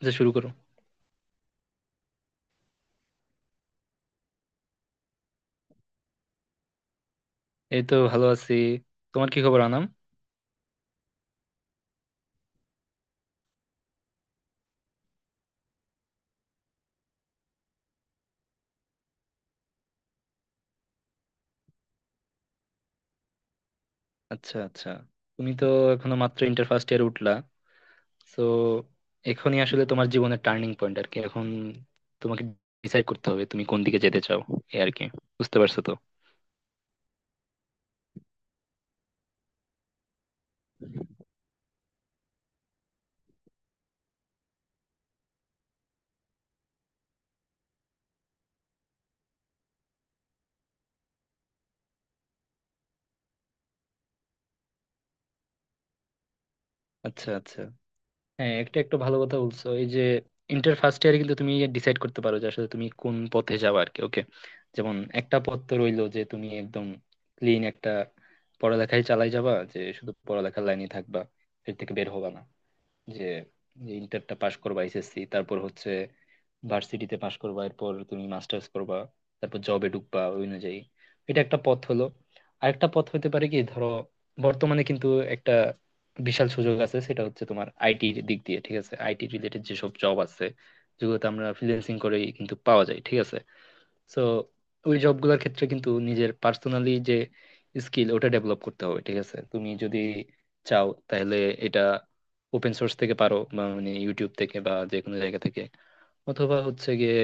আচ্ছা, শুরু করো। এই তো ভালো আছি। তোমার কি খবর আনাম? আচ্ছা আচ্ছা। তুমি তো এখনো মাত্র ইন্টার ফার্স্ট ইয়ার উঠলা। তো এখনই আসলে তোমার জীবনের টার্নিং পয়েন্ট আর কি এখন। তোমাকে ডিসাইড করতে হবে তুমি কোন দিকে যেতে চাও, এই আর কি। বুঝতে পারছো তো? আচ্ছা আচ্ছা, হ্যাঁ একটা একটু ভালো কথা বলছো। এই যে ইন্টার ফার্স্ট ইয়ারে কিন্তু তুমি ডিসাইড করতে পারো যে আসলে তুমি কোন পথে যাবে আর কি। ওকে। যেমন একটা পথ তো রইলো যে তুমি একদম ক্লিন একটা পড়ালেখায় চালাই যাবা, যে শুধু পড়ালেখার লাইনে থাকবা, এর থেকে বের হবা না। যে যে ইন্টারটা পাশ করবা, এসএসসি, তারপর হচ্ছে ভার্সিটিতে পাশ করবা, এরপর তুমি মাস্টার্স করবা, তারপর জবে ঢুকবা ওই অনুযায়ী। এটা একটা পথ হলো। আরেকটা পথ হতে পারে কি, ধরো বর্তমানে কিন্তু একটা বিশাল সুযোগ আছে, সেটা হচ্ছে তোমার আইটি দিক দিয়ে। ঠিক আছে। আইটি রিলেটেড যেসব জব আছে, যেগুলোতে আমরা ফ্রিল্যান্সিং করেই কিন্তু পাওয়া যায়। ঠিক আছে। সো ওই জবগুলোর ক্ষেত্রে কিন্তু নিজের পার্সোনালি যে স্কিল, ওটা ডেভেলপ করতে হবে। ঠিক আছে। তুমি যদি চাও তাহলে এটা ওপেন সোর্স থেকে পারো, বা মানে ইউটিউব থেকে বা যে কোনো জায়গা থেকে, অথবা হচ্ছে গিয়ে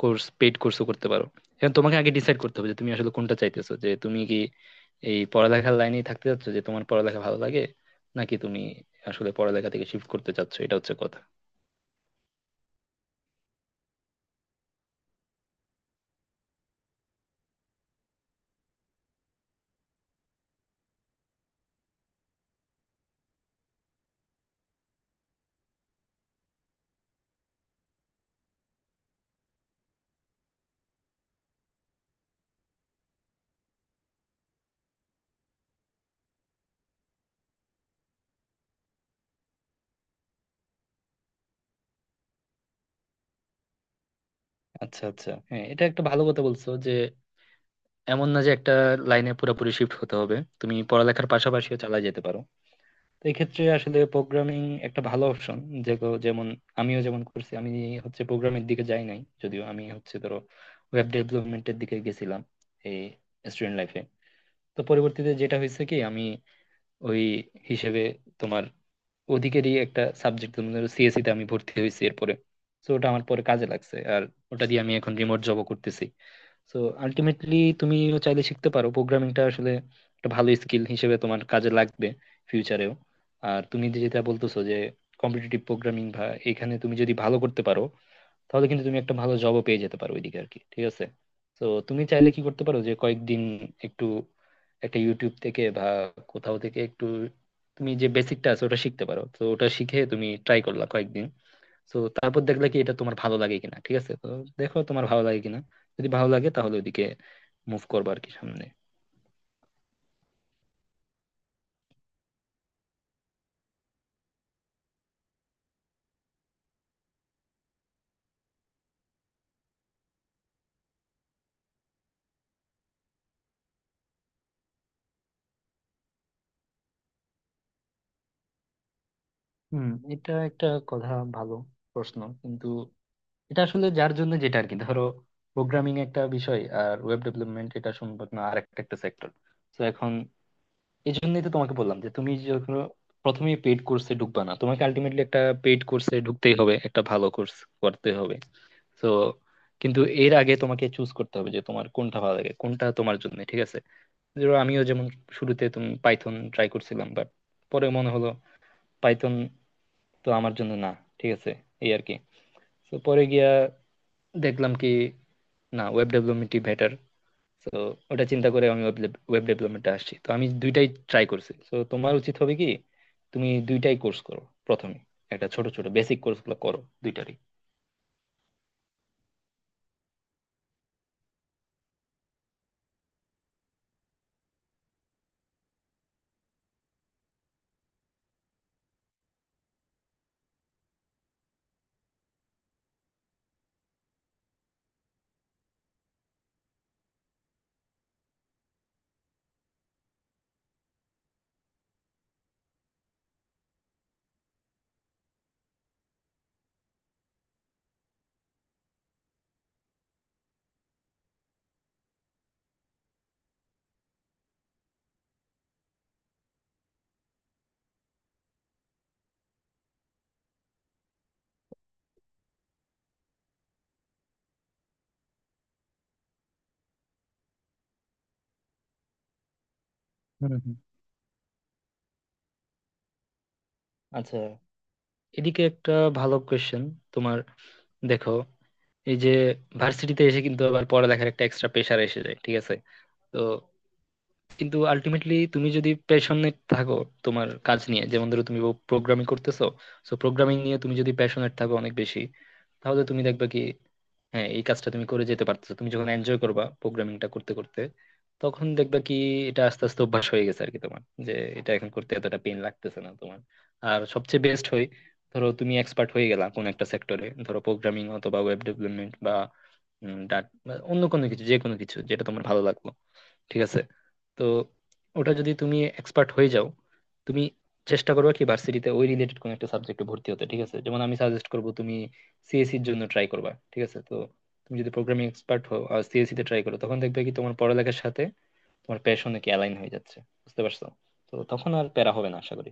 কোর্স, পেইড কোর্সও করতে পারো। এখন তোমাকে আগে ডিসাইড করতে হবে যে তুমি আসলে কোনটা চাইতেছো, যে তুমি কি এই পড়ালেখার লাইনেই থাকতে চাচ্ছ, যে তোমার পড়ালেখা ভালো লাগে, নাকি তুমি আসলে পড়ালেখা থেকে শিফট করতে চাচ্ছ। এটা হচ্ছে কথা। আচ্ছা আচ্ছা, হ্যাঁ এটা একটা ভালো কথা বলছো যে এমন না যে একটা লাইনে পুরোপুরি শিফট হতে হবে, তুমি পড়ালেখার পাশাপাশিও চালা যেতে পারো। তো এই ক্ষেত্রে আসলে প্রোগ্রামিং একটা ভালো অপশন। যেগুলো যেমন আমিও যেমন করছি, আমি হচ্ছে প্রোগ্রামের দিকে যাই নাই যদিও, আমি হচ্ছে ধরো ওয়েব ডেভেলপমেন্টের দিকে গেছিলাম এই স্টুডেন্ট লাইফে। তো পরবর্তীতে যেটা হয়েছে কি, আমি ওই হিসেবে তোমার ওদিকেরই একটা সাবজেক্ট, তুমি ধরো সিএসসি তে আমি ভর্তি হয়েছি এরপরে। তো ওটা আমার পরে কাজে লাগছে। আর ওটা দিয়ে আমি এখন রিমোট জবও করতেছি। তো আলটিমেটলি তুমিও চাইলে শিখতে পারো প্রোগ্রামিংটা। আসলে একটা ভালো স্কিল হিসেবে তোমার কাজে লাগবে ফিউচারেও। আর তুমি যে যেটা বলতেছো যে কম্পিটিটিভ প্রোগ্রামিং বা, এখানে তুমি যদি ভালো করতে পারো তাহলে কিন্তু তুমি একটা ভালো জবও পেয়ে যেতে পারো ওইদিকে আর কি। ঠিক আছে। তো তুমি চাইলে কি করতে পারো যে কয়েকদিন একটু, একটা ইউটিউব থেকে বা কোথাও থেকে একটু, তুমি যে বেসিকটা আছে ওটা শিখতে পারো। তো ওটা শিখে তুমি ট্রাই করলা কয়েকদিন, তো তারপর দেখলে কি এটা তোমার ভালো লাগে কিনা। ঠিক আছে। তো দেখো তোমার ভালো লাগে কিনা, যদি ভালো লাগে তাহলে ওইদিকে মুভ করবো আর কি সামনে। হুম। এটা একটা কথা, ভালো প্রশ্ন কিন্তু। এটা আসলে যার জন্য যেটা আর কি, ধরো প্রোগ্রামিং একটা বিষয় আর ওয়েব ডেভেলপমেন্ট, এটা সম্ভব না, আর একটা একটা সেক্টর। তো এখন এই জন্যই তো তোমাকে বললাম যে তুমি যখন প্রথমে পেড কোর্সে ঢুকবা না, তোমাকে আলটিমেটলি একটা পেড কোর্সে ঢুকতেই হবে, একটা ভালো কোর্স করতে হবে। তো কিন্তু এর আগে তোমাকে চুজ করতে হবে যে তোমার কোনটা ভালো লাগে, কোনটা তোমার জন্য ঠিক আছে। ধরো আমিও যেমন শুরুতে তুমি পাইথন ট্রাই করছিলাম, বাট পরে মনে হলো পাইথন তো আমার জন্য না। ঠিক আছে। এই আর কি। তো পরে গিয়া দেখলাম কি না, ওয়েব ডেভেলপমেন্টই বেটার। তো ওটা চিন্তা করে আমি ওয়েব ডেভেলপমেন্টে আসছি। তো আমি দুইটাই ট্রাই করছি। তো তোমার উচিত হবে কি, তুমি দুইটাই কোর্স করো। প্রথমে একটা ছোট ছোট বেসিক কোর্সগুলো করো দুইটারই। হুম হুম। আচ্ছা, এদিকে একটা ভালো কোয়েশ্চেন তোমার। দেখো এই যে ভার্সিটিতে এসে কিন্তু আবার পড়ালেখার একটা এক্সট্রা প্রেশার এসে যায়। ঠিক আছে। তো কিন্তু আলটিমেটলি তুমি যদি প্যাশনেট থাকো তোমার কাজ নিয়ে, যেমন ধরো তুমি প্রোগ্রামিং করতেছো, সো প্রোগ্রামিং নিয়ে তুমি যদি প্যাশনেট থাকো অনেক বেশি, তাহলে তুমি দেখবে কি হ্যাঁ এই কাজটা তুমি করে যেতে পারতেছো। তুমি যখন এনজয় করবা প্রোগ্রামিংটা করতে করতে, তখন দেখবা কি এটা আস্তে আস্তে অভ্যাস হয়ে গেছে আর কি তোমার, যে এটা এখন করতে এতটা পেন লাগতেছে না তোমার। আর সবচেয়ে বেস্ট হয়, ধরো তুমি এক্সপার্ট হয়ে গেলা কোন একটা সেক্টরে, ধরো প্রোগ্রামিং অথবা ওয়েব ডেভেলপমেন্ট বা ডাট, অন্য কোনো কিছু, যে কোনো কিছু যেটা তোমার ভালো লাগলো। ঠিক আছে। তো ওটা যদি তুমি এক্সপার্ট হয়ে যাও, তুমি চেষ্টা করবে কি ভার্সিটিতে ওই রিলেটেড কোনো একটা সাবজেক্টে ভর্তি হতে। ঠিক আছে। যেমন আমি সাজেস্ট করবো তুমি সিএসসির জন্য ট্রাই করবা। ঠিক আছে। তো তুমি যদি প্রোগ্রামিং এক্সপার্ট হও আর সিএসসি তে ট্রাই করো, তখন দেখবে কি তোমার পড়ালেখার সাথে তোমার প্যাশনে কি অ্যালাইন হয়ে যাচ্ছে। বুঝতে পারছো। তো তখন আর প্যারা হবে না আশা করি।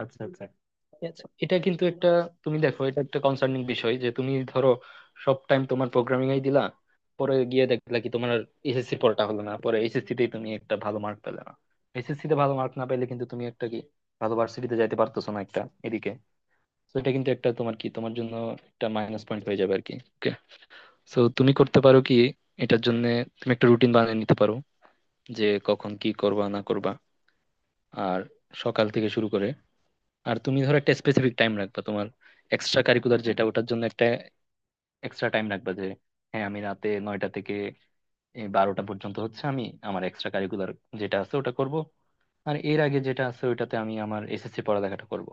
আচ্ছা আচ্ছা ঠিক আছে। এটা কিন্তু একটা, তুমি দেখো এটা একটা কনসার্নিং বিষয় যে তুমি ধরো সব টাইম তোমার প্রোগ্রামিং এই দিলা, পরে গিয়ে দেখলা কি তোমার এসএসসি পড়াটা হলো না, পরে এসএসসি তে তুমি একটা ভালো মার্ক পেলে না। এসএসসি তে ভালো মার্ক না পেলে কিন্তু তুমি একটা কি ভালো ভার্সিটিতে যাইতে পারতেছো না একটা এদিকে। তো এটা কিন্তু একটা তোমার কি তোমার জন্য একটা মাইনাস পয়েন্ট হয়ে যাবে আর কি। ওকে। সো তুমি করতে পারো কি এটার জন্য তুমি একটা রুটিন বানিয়ে নিতে পারো, যে কখন কি করবা না করবা। আর সকাল থেকে শুরু করে, আর তুমি ধরো একটা স্পেসিফিক টাইম রাখবা তোমার এক্সট্রা কারিকুলার যেটা, ওটার জন্য একটা এক্সট্রা টাইম রাখবা, যে হ্যাঁ আমি রাতে 9টা থেকে এই 12টা পর্যন্ত হচ্ছে আমি আমার এক্সট্রা কারিকুলার যেটা আছে ওটা করব। আর এর আগে যেটা আছে ওইটাতে আমি আমার এসএসসি পড়ালেখাটা করব।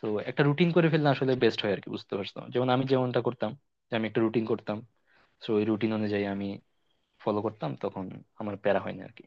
তো একটা রুটিন করে ফেললে আসলে বেস্ট হয় আর কি। বুঝতে পারছো। যেমন আমি যেমনটা করতাম, যে আমি একটা রুটিন করতাম, তো ওই রুটিন অনুযায়ী আমি ফলো করতাম, তখন আমার প্যারা হয় না আর কি।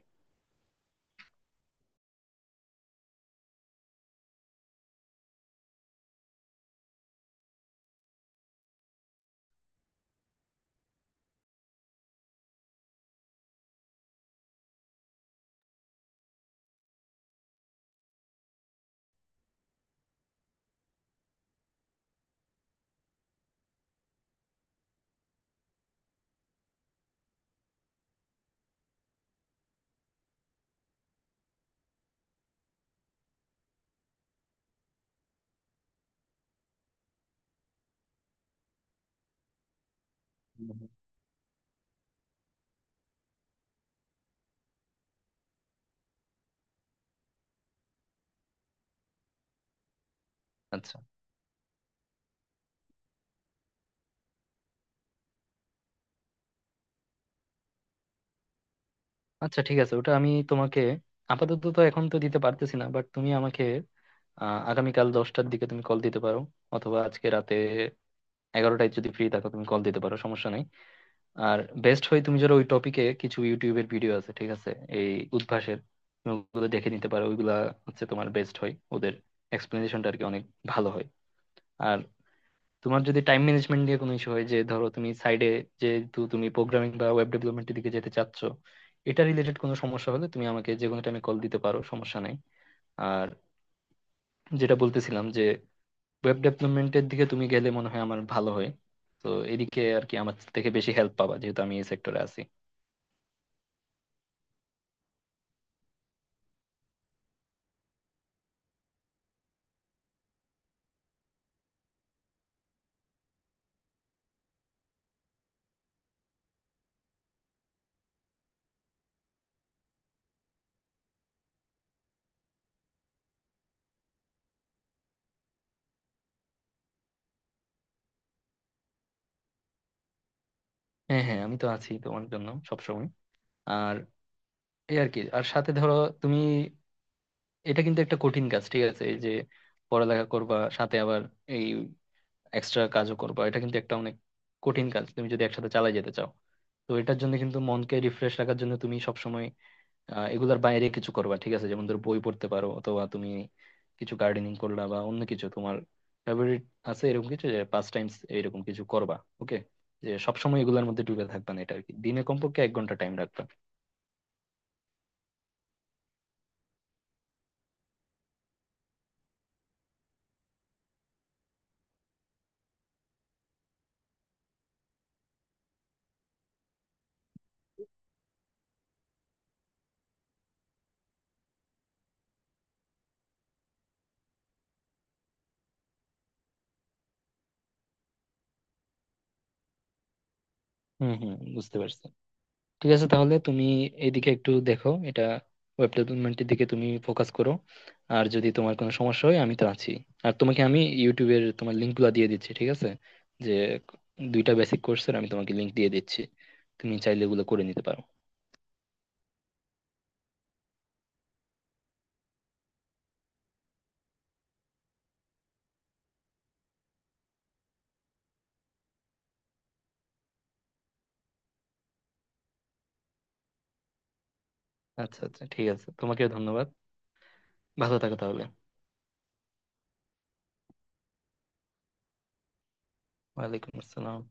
হুম। আচ্ছা আচ্ছা ঠিক আছে, ওটা আমি তোমাকে আপাতত তো এখন তো দিতে পারতেছি না, বাট তুমি আমাকে আগামীকাল 10টার দিকে তুমি কল দিতে পারো, অথবা আজকে রাতে 11টায় যদি ফ্রি থাকো তুমি কল দিতে পারো, সমস্যা নাই। আর বেস্ট হয় তুমি যারা ওই টপিকে কিছু ইউটিউবের ভিডিও আছে। ঠিক আছে। এই উদ্ভাসের, তুমি ওগুলো দেখে নিতে পারো। ওইগুলা হচ্ছে তোমার বেস্ট হয়, ওদের এক্সপ্লেনেশনটা আর কি অনেক ভালো হয়। তোমার যদি টাইম ম্যানেজমেন্ট নিয়ে কোনো ইস্যু হয়, যে ধরো তুমি সাইডে, যেহেতু তুমি প্রোগ্রামিং বা ওয়েব ডেভেলপমেন্টের দিকে যেতে চাচ্ছ, এটা রিলেটেড কোনো সমস্যা হলে তুমি আমাকে যে কোনো টাইমে কল দিতে পারো, সমস্যা নাই। আর যেটা বলতেছিলাম যে ওয়েব ডেভেলপমেন্টের দিকে তুমি গেলে মনে হয় আমার ভালো হয়। তো এদিকে আর কি আমার থেকে বেশি হেল্প পাবা, যেহেতু আমি এই সেক্টরে আছি। হ্যাঁ হ্যাঁ, আমি তো আছি তোমার জন্য সবসময়। আর এই আর কি, আর সাথে ধরো তুমি, এটা কিন্তু একটা কঠিন কাজ। ঠিক আছে। এই যে পড়ালেখা করবা সাথে আবার এই এক্সট্রা কাজও করবা, এটা কিন্তু একটা অনেক কঠিন কাজ তুমি যদি একসাথে চালিয়ে যেতে চাও। তো এটার জন্য কিন্তু মনকে রিফ্রেশ রাখার জন্য তুমি সবসময় এগুলার বাইরে কিছু করবা। ঠিক আছে। যেমন ধরো বই পড়তে পারো, অথবা তুমি কিছু গার্ডেনিং করলা বা অন্য কিছু তোমার ফেভারিট আছে এরকম কিছু, যে 5 টাইমস এরকম কিছু করবা। ওকে। যে সবসময় এগুলোর মধ্যে ডুবে থাকবা না, এটা আর কি দিনে কমপক্ষে 1 ঘন্টা টাইম রাখবা। হম হম, বুঝতে পারছি। ঠিক আছে তাহলে তুমি এইদিকে একটু দেখো, এটা ওয়েব ডেভেলপমেন্টের দিকে তুমি ফোকাস করো। আর যদি তোমার কোনো সমস্যা হয় আমি তো আছি। আর তোমাকে আমি ইউটিউবের তোমার লিঙ্কগুলো দিয়ে দিচ্ছি। ঠিক আছে। যে দুইটা বেসিক কোর্সের আমি তোমাকে লিঙ্ক দিয়ে দিচ্ছি, তুমি চাইলে এগুলো করে নিতে পারো। আচ্ছা আচ্ছা ঠিক আছে, তোমাকেও ধন্যবাদ। ভালো থাকো তাহলে। ওয়ালাইকুম আসসালাম।